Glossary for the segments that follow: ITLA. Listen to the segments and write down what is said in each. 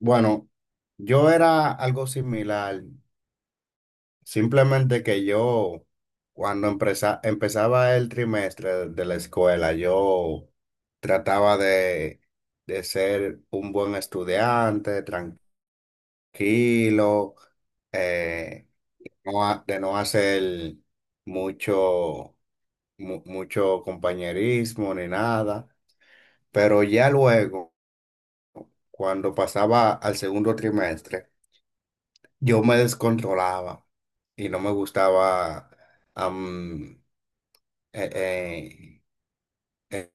Bueno, yo era algo similar, simplemente que yo, cuando empezaba el trimestre de la escuela, yo trataba de ser un buen estudiante, tranquilo, eh, de no hacer mucho, mucho compañerismo ni nada, pero ya luego, cuando pasaba al segundo trimestre, yo me descontrolaba y no me gustaba am, eh, eh, eh,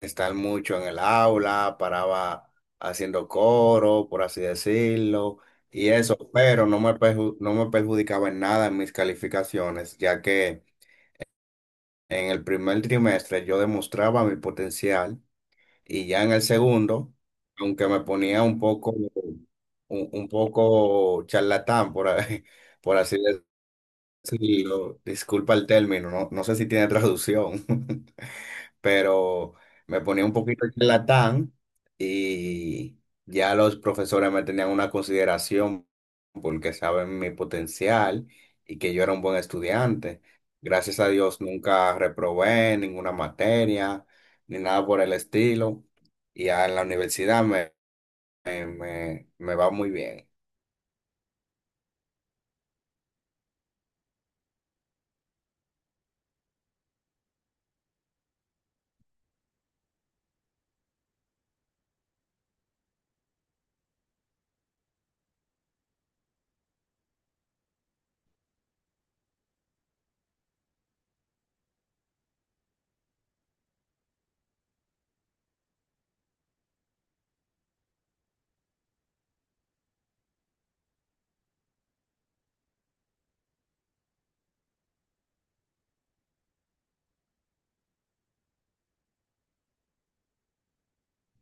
estar mucho en el aula, paraba haciendo coro, por así decirlo, y eso, pero no me perjudicaba en nada en mis calificaciones, ya que en el primer trimestre yo demostraba mi potencial y ya en el segundo, aunque me ponía un poco charlatán, por así decirlo. Sí, disculpa el término, no, no sé si tiene traducción. Pero me ponía un poquito charlatán y ya los profesores me tenían una consideración porque saben mi potencial y que yo era un buen estudiante. Gracias a Dios nunca reprobé ninguna materia ni nada por el estilo y ya en la universidad me va muy bien.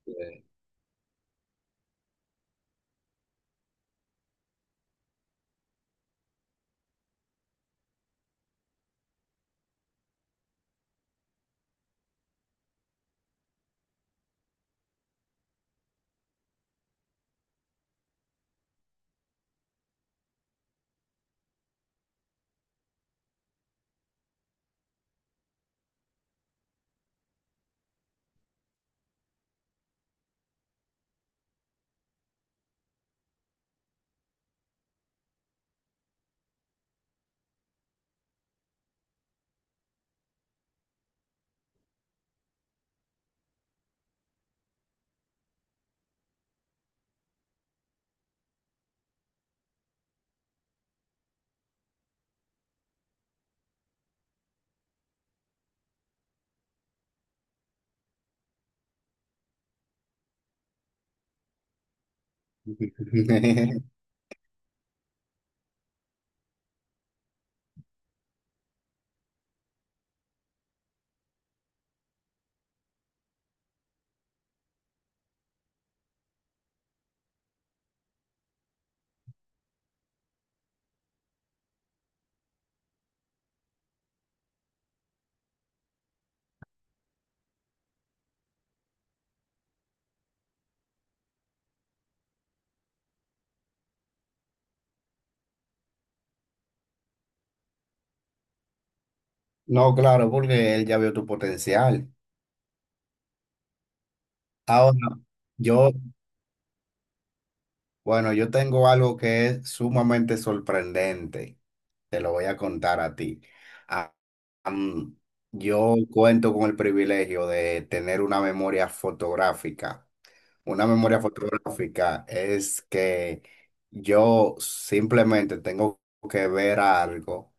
Eh, No, claro, porque él ya vio tu potencial. Ahora, yo, bueno, yo tengo algo que es sumamente sorprendente. Te lo voy a contar a ti. Ah, am, yo cuento con el privilegio de tener una memoria fotográfica. Una memoria fotográfica es que yo simplemente tengo que ver algo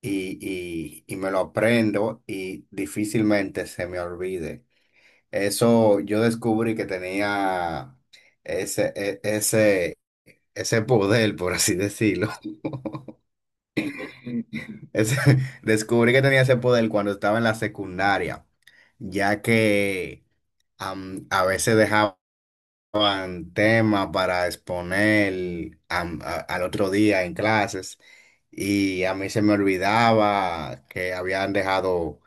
y, y me lo aprendo y difícilmente se me olvide. Eso yo descubrí que tenía ese, e- ese, ese poder, por así decirlo. Ese- Descubrí que tenía ese poder cuando estaba en la secundaria, ya que a veces dejaban temas para exponer al otro día en clases y a mí se me olvidaba que habían dejado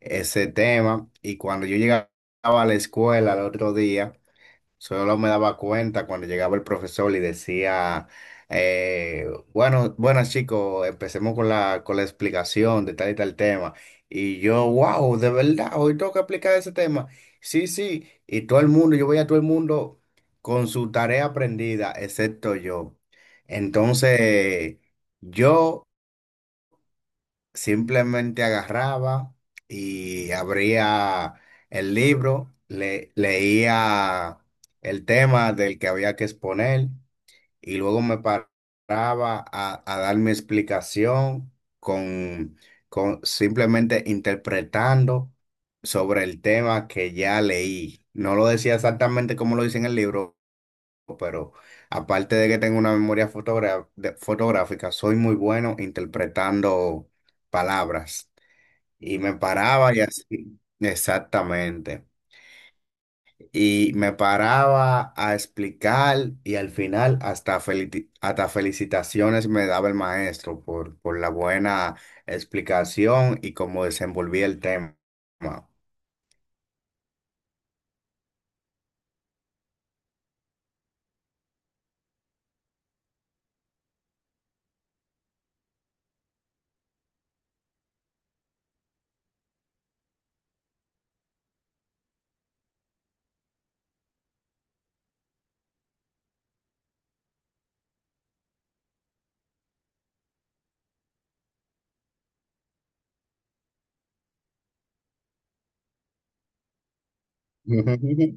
ese tema, y cuando yo llegaba a la escuela al otro día, solo me daba cuenta cuando llegaba el profesor y decía, eh, bueno, buenas chicos, empecemos con la explicación de tal y tal tema. Y yo, wow, de verdad, hoy tengo que explicar ese tema. Sí, sí, y todo el mundo, yo veía a todo el mundo con su tarea aprendida, excepto yo. Entonces, yo... simplemente agarraba y abría el libro, leía el tema del que había que exponer y luego me paraba a dar mi explicación con, con simplemente interpretando sobre el tema que ya leí. No lo decía exactamente como lo dice en el libro, pero aparte de que tengo una memoria fotográfica, soy muy bueno interpretando palabras. Y me paraba y así, exactamente. Y me paraba a explicar y al final hasta, hasta felicitaciones me daba el maestro por la buena explicación y cómo desenvolví el tema.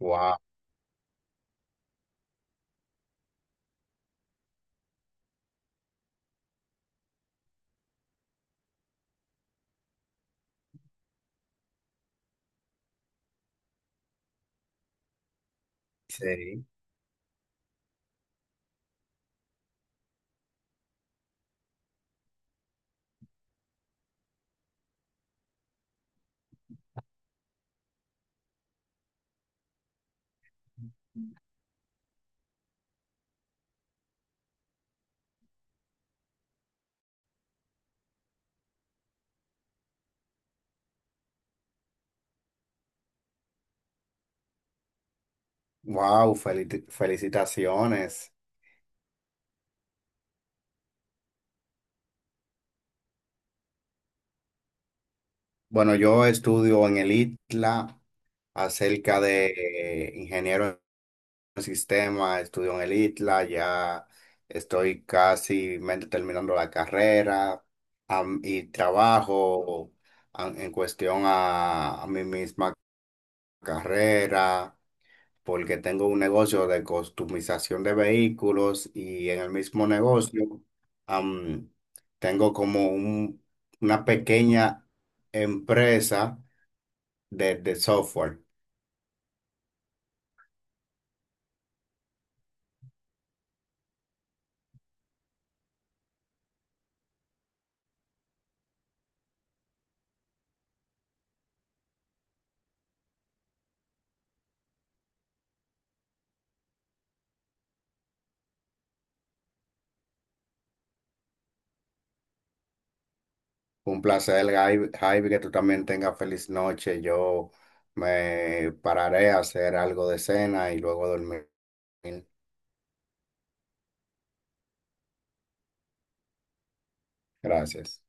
Wow, sí. Wow, felicitaciones. Bueno, yo estudio en el ITLA acerca de ingeniero en sistema, estudio en el ITLA, ya estoy casi mente terminando la carrera y trabajo en cuestión a mi misma carrera porque tengo un negocio de customización de vehículos, y en el mismo negocio am, tengo como una pequeña empresa de software. Un placer, Javi, que tú también tengas feliz noche. Yo me pararé a hacer algo de cena y luego dormir. Gracias.